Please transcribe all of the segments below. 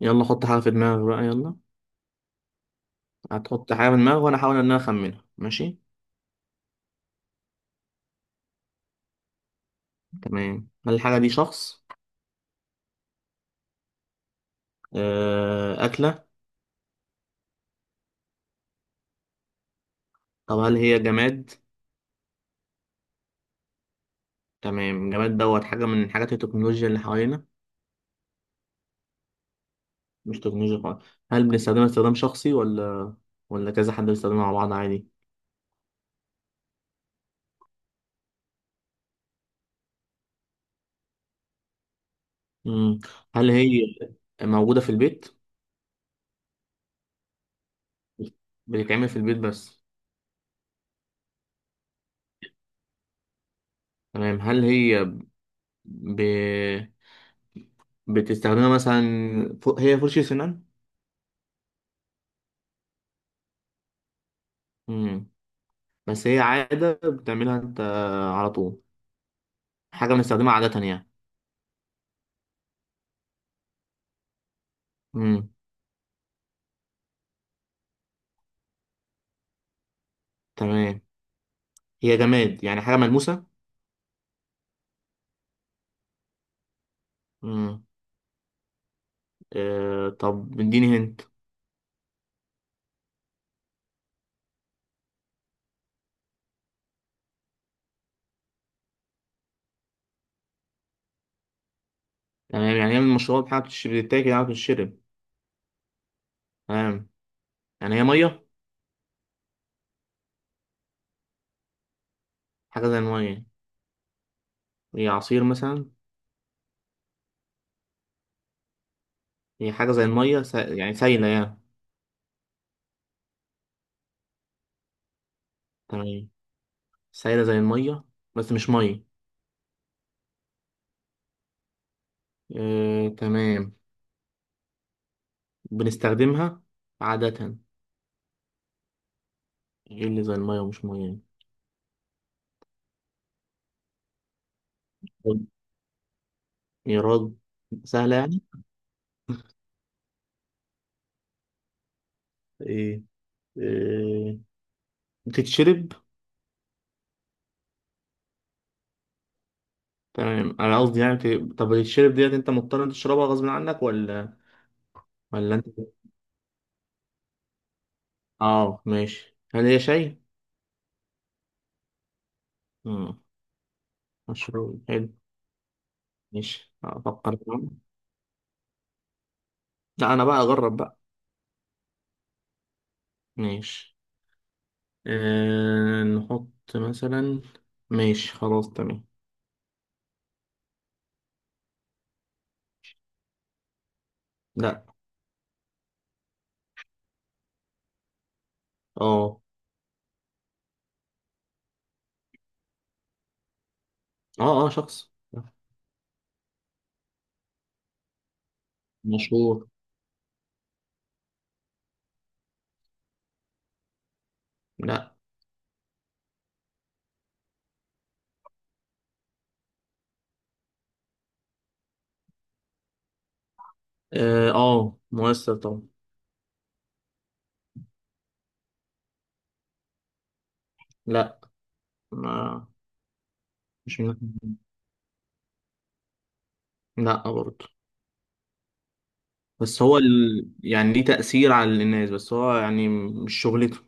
يلا حط حاجة في دماغك بقى يلا. هتحط حاجة في دماغك وأنا أحاول إن أنا أخمنها ماشي. تمام، هل الحاجة دي شخص؟ آه، أكلة؟ طب هل هي جماد؟ تمام، جماد دوت حاجة من حاجات التكنولوجيا اللي حوالينا. مش تكنولوجيا خالص. هل بنستخدمها استخدام شخصي ولا كذا حد بيستخدمها مع بعض عادي؟ مم. هل هي موجودة في البيت؟ بتتعمل في البيت بس. تمام، ب... بتستخدمها مثلا. هي فرشة سنان؟ مم. بس هي عادة بتعملها انت على طول. حاجة بنستخدمها عادة يعني. امم تمام، هي جماد يعني حاجة ملموسة. امم آه، طب اديني هنت. تمام، يعني هي من المشروبات؟ حاجة بتشرب بتتاكل؟ حاجة بتشرب. تمام، يعني هي مية. حاجة زي المية. هي عصير مثلا؟ هي حاجة زي المية يعني سايلة يعني. تمام، سايلة زي المية بس مش مية. آه، تمام. بنستخدمها عادة. ايه اللي زي المية ومش مية يعني؟ يا راجل. سهلة يعني. ايه، آه، بتتشرب. تمام، انا قصدي يعني طب بتتشرب ديت انت مضطر إنت تشربها غصب عنك ولا انت. اه، ماشي، هل هي شاي؟ امم، مشروب حلو. ماشي، افكر كمان. لا، انا بقى اجرب بقى. ماشي، آه، نحط مثلا. ماشي، خلاص تمام. لا. اه. اه. اه، شخص مشهور. لا. اه، مؤثر طبعا. لا. ما مش من. لا برضه. بس هو يعني ليه تأثير على الناس بس هو يعني مش شغلته.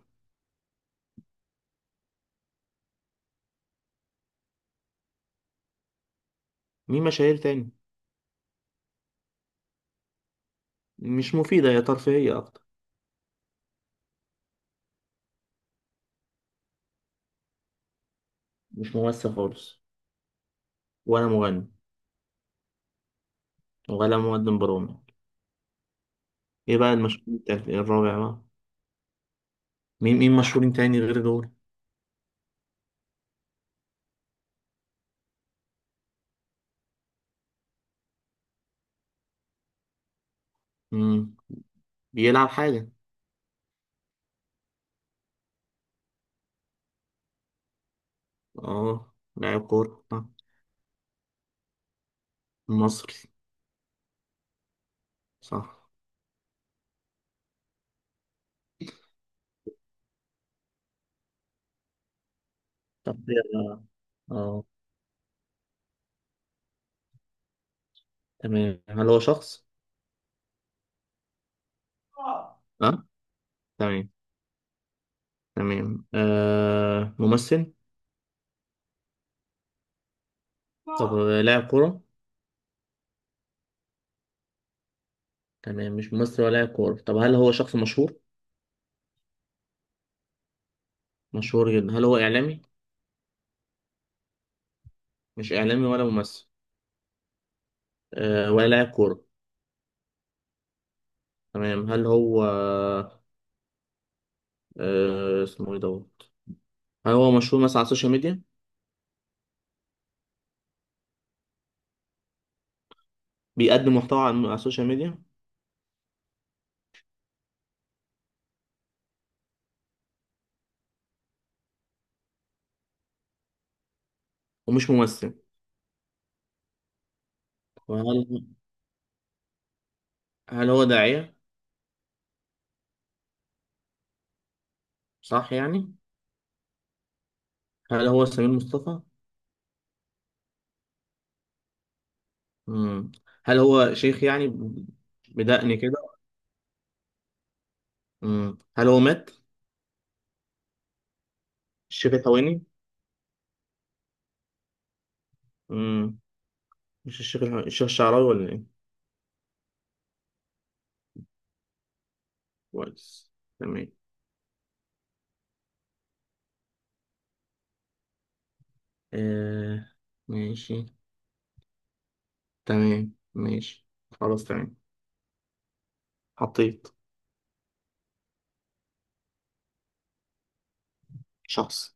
مين مشاهير تاني؟ مش مفيدة، هي ترفيهية أكتر. مش ممثل خالص. ولا مغني ولا مقدم برامج. إيه بقى المشهور التالت؟ إيه الرابع بقى؟ مين مشهورين تاني غير دول؟ مم. بيلعب حاجة. اه، لاعب كورة آه. مصري. صح. طب يلا. اه، تمام، هل هو شخص؟ اه. تمام، تمام، آه، ممثل؟ طب لاعب كورة؟ تمام، مش ممثل ولا لاعب كورة. طب هل هو شخص مشهور؟ مشهور جدا. هل هو إعلامي؟ مش إعلامي ولا ممثل. أه، ولا لاعب كورة. تمام، هل هو، أه، اسمه إيه دوت؟ هل هو مشهور مثلا على السوشيال ميديا؟ بيقدم محتوى على على السوشيال ميديا. ومش ممثل. وهل، هل هو داعية؟ صح يعني؟ هل هو سمير مصطفى؟ مم. هل هو شيخ يعني بدقن كده؟ هل هو مات؟ الشيخ الحويني؟ مم. مش الشيخ الحويني، الشيخ الشعراوي ولا إيه؟ كويس. تمام، آه، ماشي. تمام، ماشي، خلاص تمام. حطيت. شخص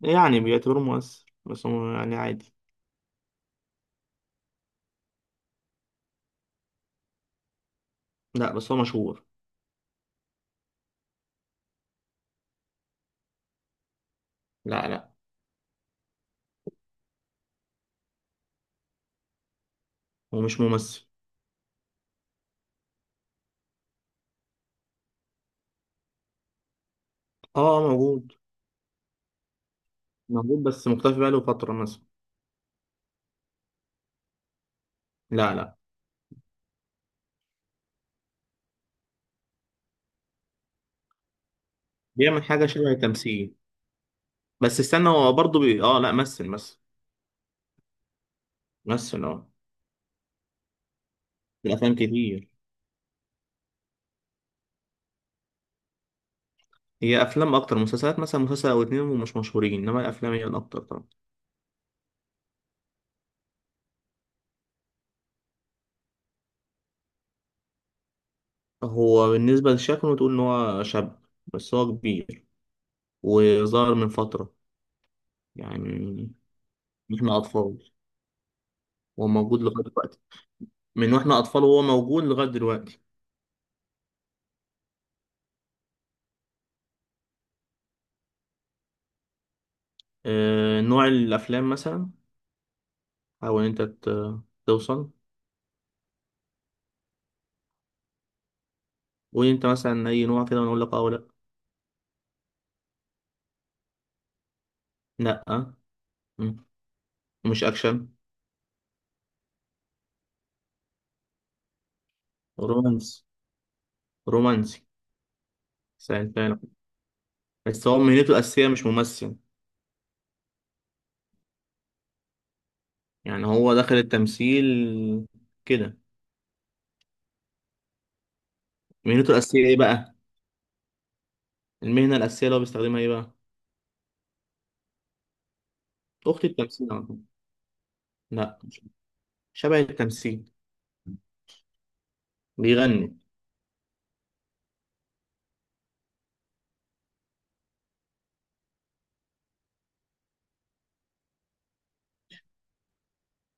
يعني بيعتبروه مؤثر بس هو يعني عادي. لا بس هو مشهور. لا لا، هو مش ممثل. اه، آه، موجود. موجود بس مختفي بقاله فترة مثلا. لا لا، بيعمل حاجة شبه التمثيل. بس استنى، هو برضه اه لا، مثل مثل اه. في الأفلام كتير. هي أفلام أكتر، مسلسلات مثلا مسلسل أو اتنين ومش مشهورين، إنما الأفلام هي الأكتر طبعا. هو بالنسبة لشكله تقول إن هو شاب بس هو كبير. وظهر من فترة يعني، من إحنا أطفال وهو موجود لغاية دلوقتي. من وإحنا أطفال وهو موجود لغاية دلوقتي. آه، نوع الأفلام مثلا. حاول أنت توصل. قول أنت مثلا أي نوع كده وأنا أقول لك أه ولا. لأ لأ. مم. مش أكشن. رومانس، رومانسي. سهلتها. بس هو مهنته الأساسية مش ممثل. يعني هو دخل التمثيل كده. مهنته الأساسية إيه بقى؟ المهنة الأساسية اللي هو بيستخدمها إيه بقى؟ أخت التمثيل على طول. لأ مش- شبه التمثيل. بيغني.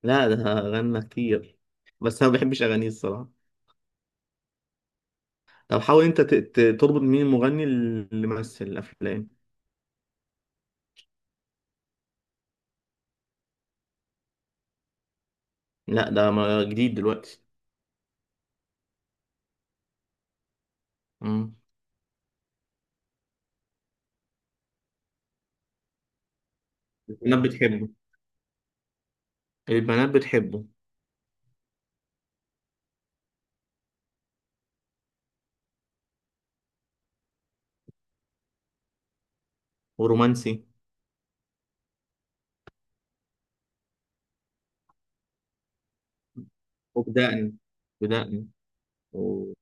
لا ده غنى كتير بس انا ما بحبش اغانيه الصراحه. طب حاول انت تربط مين المغني اللي مثل الافلام. لا ده جديد دلوقتي. مم. البنات بتحبه. البنات بتحبه ورومانسي. وبدقني، بدقني، وبليغ.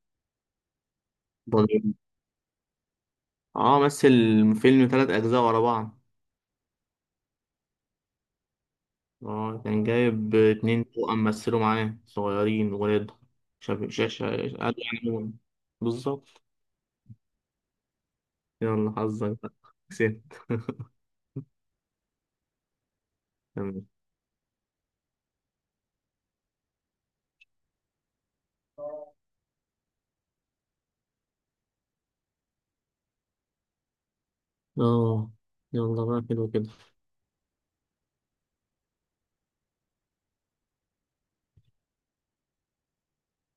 اه، مثل فيلم ثلاث اجزاء ورا بعض. اه كان جايب اتنين توأم مثلوا معاه صغيرين ولاد شاب شا شا قالوا يعني بالظبط. يلا حظك بقى. كسبت تمام. اه، يلا بقى، حلو كده.